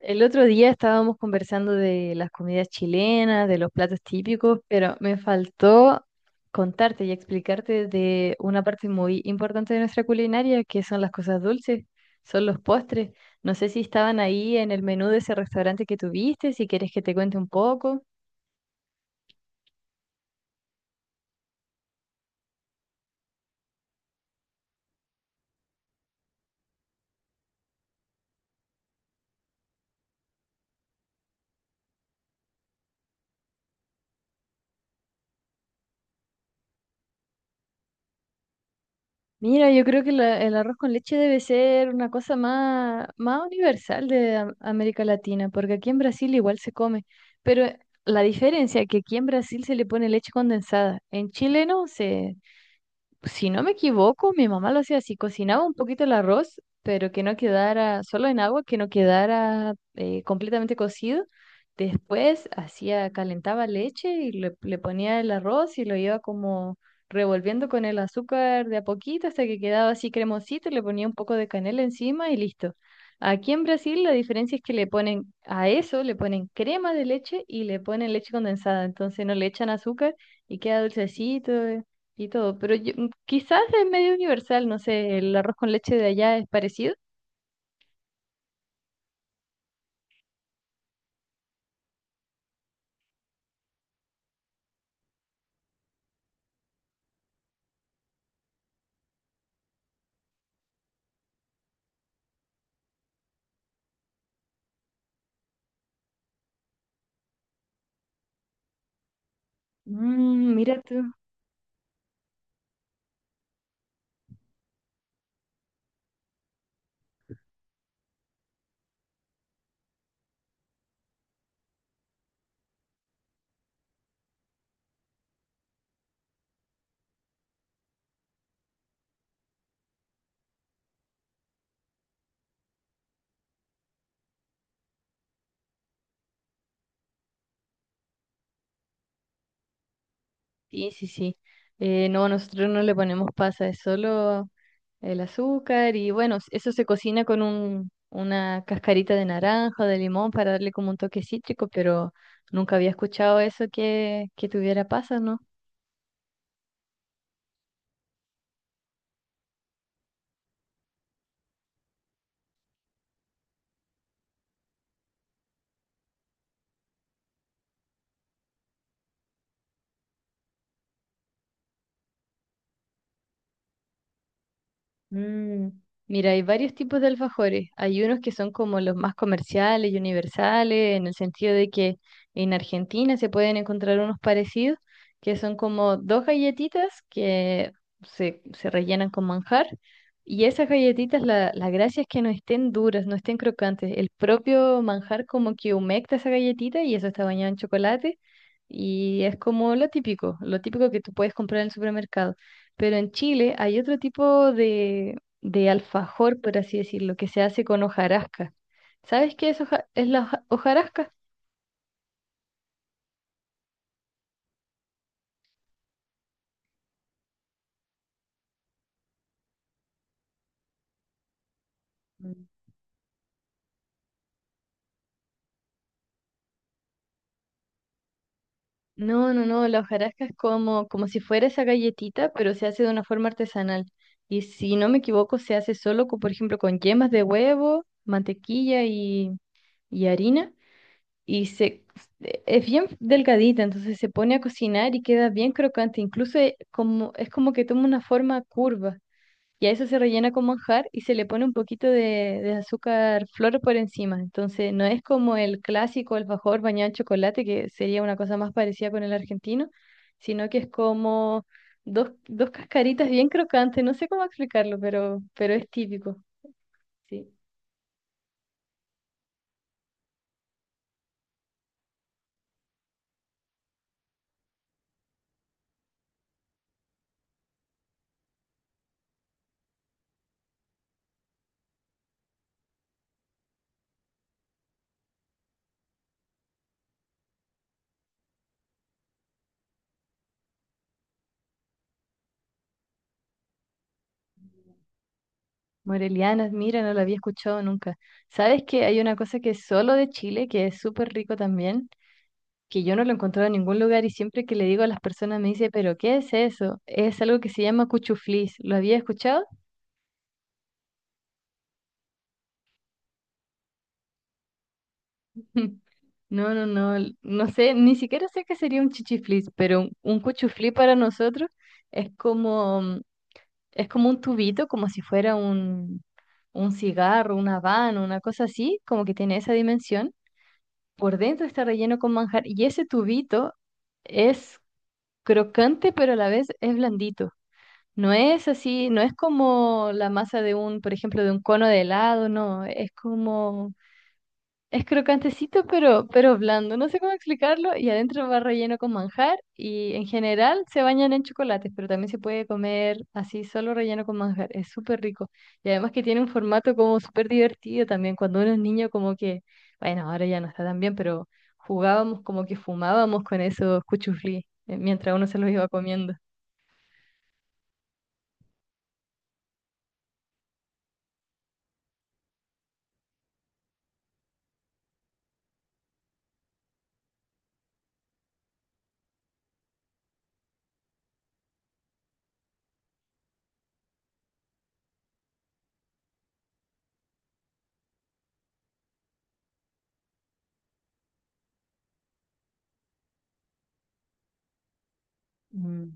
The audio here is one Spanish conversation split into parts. El otro día estábamos conversando de las comidas chilenas, de los platos típicos, pero me faltó contarte y explicarte de una parte muy importante de nuestra culinaria, que son las cosas dulces, son los postres. No sé si estaban ahí en el menú de ese restaurante que tuviste, si quieres que te cuente un poco. Mira, yo creo que el arroz con leche debe ser una cosa más universal de América Latina, porque aquí en Brasil igual se come, pero la diferencia es que aquí en Brasil se le pone leche condensada, en Chile no, se, si no me equivoco, mi mamá lo hacía así, cocinaba un poquito el arroz, pero que no quedara solo en agua, que no quedara completamente cocido. Después hacía, calentaba leche y le ponía el arroz y lo iba como revolviendo con el azúcar de a poquito hasta que quedaba así cremosito, le ponía un poco de canela encima y listo. Aquí en Brasil la diferencia es que le ponen a eso, le ponen crema de leche y le ponen leche condensada, entonces no le echan azúcar y queda dulcecito, y todo, pero quizás es medio universal, no sé, el arroz con leche de allá es parecido. Mm, mira tú. Sí, sí, sí. No, nosotros no le ponemos pasa, es solo el azúcar y bueno, eso se cocina con una cascarita de naranja, de limón para darle como un toque cítrico, pero nunca había escuchado eso que tuviera pasas, ¿no? Mm, mira, hay varios tipos de alfajores. Hay unos que son como los más comerciales y universales, en el sentido de que en Argentina se pueden encontrar unos parecidos, que son como dos galletitas que se rellenan con manjar. Y esas galletitas, la gracia es que no estén duras, no estén crocantes. El propio manjar como que humecta esa galletita y eso está bañado en chocolate. Y es como lo típico que tú puedes comprar en el supermercado. Pero en Chile hay otro tipo de alfajor, por así decirlo, que se hace con hojarasca. ¿Sabes qué es, hojarasca? Mm. No, no, no, la hojarasca es como, como si fuera esa galletita, pero se hace de una forma artesanal. Y si no me equivoco, se hace solo, con, por ejemplo, con yemas de huevo, mantequilla y harina. Y es bien delgadita, entonces se pone a cocinar y queda bien crocante. Incluso es como que toma una forma curva. Y a eso se rellena con manjar y se le pone un poquito de azúcar flor por encima. Entonces, no es como el clásico alfajor bañado en chocolate, que sería una cosa más parecida con el argentino, sino que es como dos cascaritas bien crocantes. No sé cómo explicarlo, pero es típico. Sí. Morelianas, mira, no lo había escuchado nunca. ¿Sabes que hay una cosa que es solo de Chile, que es súper rico también? Que yo no lo encontraba en ningún lugar y siempre que le digo a las personas me dice, pero ¿qué es eso? Es algo que se llama cuchuflis. ¿Lo había escuchado? No, no, no, no sé, ni siquiera sé qué sería un chichiflis, pero un cuchuflí para nosotros es como, mm, es como un tubito, como si fuera un cigarro, una habano, una cosa así, como que tiene esa dimensión. Por dentro está relleno con manjar y ese tubito es crocante, pero a la vez es blandito. No es así, no es como la masa de un, por ejemplo, de un cono de helado, no, es como, es crocantecito pero blando, no sé cómo explicarlo, y adentro va relleno con manjar y en general se bañan en chocolates, pero también se puede comer así solo relleno con manjar, es súper rico. Y además que tiene un formato como súper divertido también, cuando uno es niño como que, bueno, ahora ya no está tan bien, pero jugábamos como que fumábamos con esos cuchuflí mientras uno se los iba comiendo. Mm,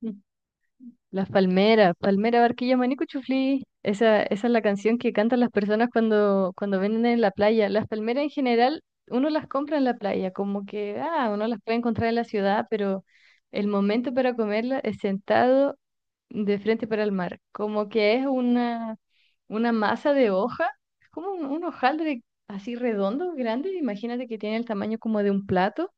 mm. Las palmeras, palmera, barquilla, maní, cuchuflí. Esa es la canción que cantan las personas cuando vienen en la playa. Las palmeras en general, uno las compra en la playa, como que, ah, uno las puede encontrar en la ciudad, pero el momento para comerla es sentado de frente para el mar. Como que es una masa de hoja, es como un hojaldre así redondo, grande. Imagínate que tiene el tamaño como de un plato,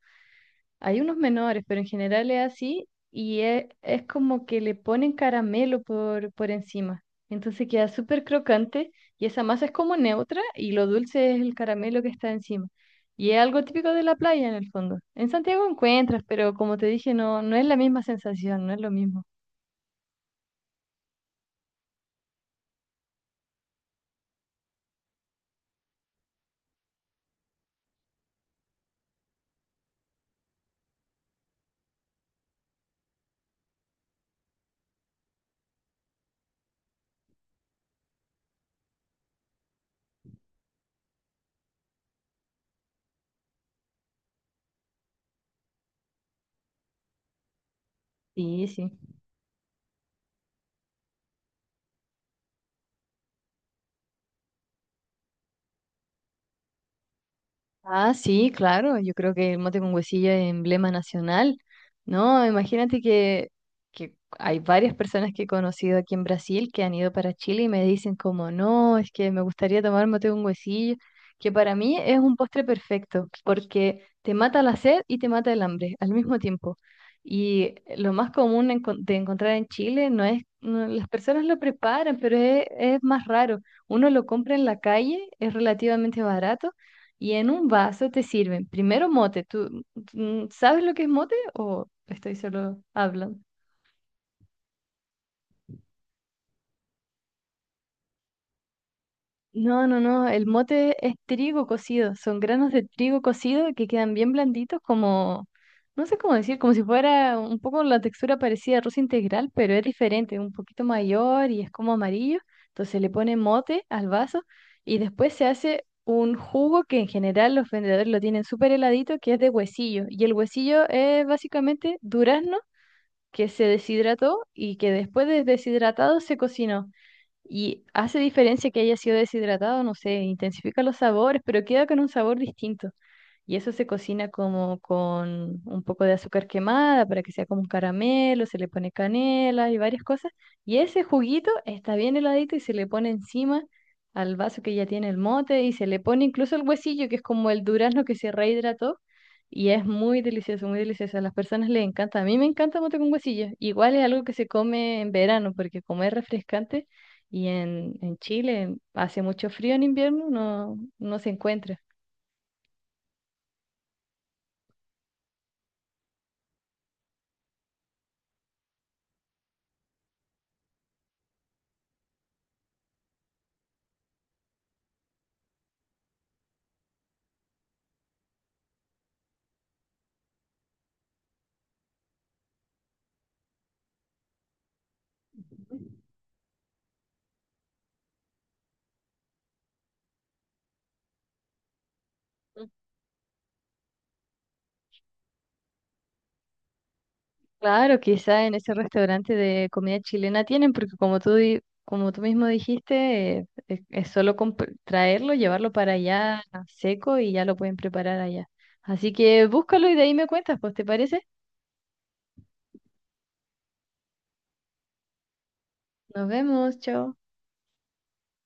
hay unos menores, pero en general es así y es, como que le ponen caramelo por encima. Entonces queda súper crocante y esa masa es como neutra y lo dulce es el caramelo que está encima. Y es algo típico de la playa en el fondo. En Santiago encuentras, pero como te dije, no, no es la misma sensación, no es lo mismo. Sí, sí. Ah, sí, claro, yo creo que el mote con huesillo es emblema nacional, ¿no? Imagínate que hay varias personas que he conocido aquí en Brasil que han ido para Chile y me dicen como, no, es que me gustaría tomar mote con huesillo, que para mí es un postre perfecto, porque te mata la sed y te mata el hambre al mismo tiempo. Y lo más común de encontrar en Chile no es, las personas lo preparan, pero es más raro. Uno lo compra en la calle, es relativamente barato y en un vaso te sirven primero mote. ¿Tú, tú sabes lo que es mote o estoy solo hablando? No, no, no. El mote es trigo cocido. Son granos de trigo cocido que quedan bien blanditos, como, no sé cómo decir, como si fuera un poco la textura parecida a arroz integral, pero es diferente, un poquito mayor y es como amarillo. Entonces le pone mote al vaso y después se hace un jugo que en general los vendedores lo tienen súper heladito, que es de huesillo. Y el huesillo es básicamente durazno que se deshidrató y que después de deshidratado se cocinó. Y hace diferencia que haya sido deshidratado, no sé, intensifica los sabores, pero queda con un sabor distinto. Y eso se cocina como con un poco de azúcar quemada para que sea como un caramelo, se le pone canela y varias cosas. Y ese juguito está bien heladito y se le pone encima al vaso que ya tiene el mote y se le pone incluso el huesillo, que es como el durazno que se rehidrató. Y es muy delicioso, muy delicioso. A las personas les encanta. A mí me encanta mote con huesillo. Igual es algo que se come en verano porque como es refrescante. Y en Chile hace mucho frío en invierno, no, no se encuentra. Mm. Claro, quizá en ese restaurante de comida chilena tienen, porque como tú, como tú mismo dijiste, es solo traerlo, llevarlo para allá seco y ya lo pueden preparar allá. Así que búscalo y de ahí me cuentas, pues, ¿te parece? Nos vemos, chao.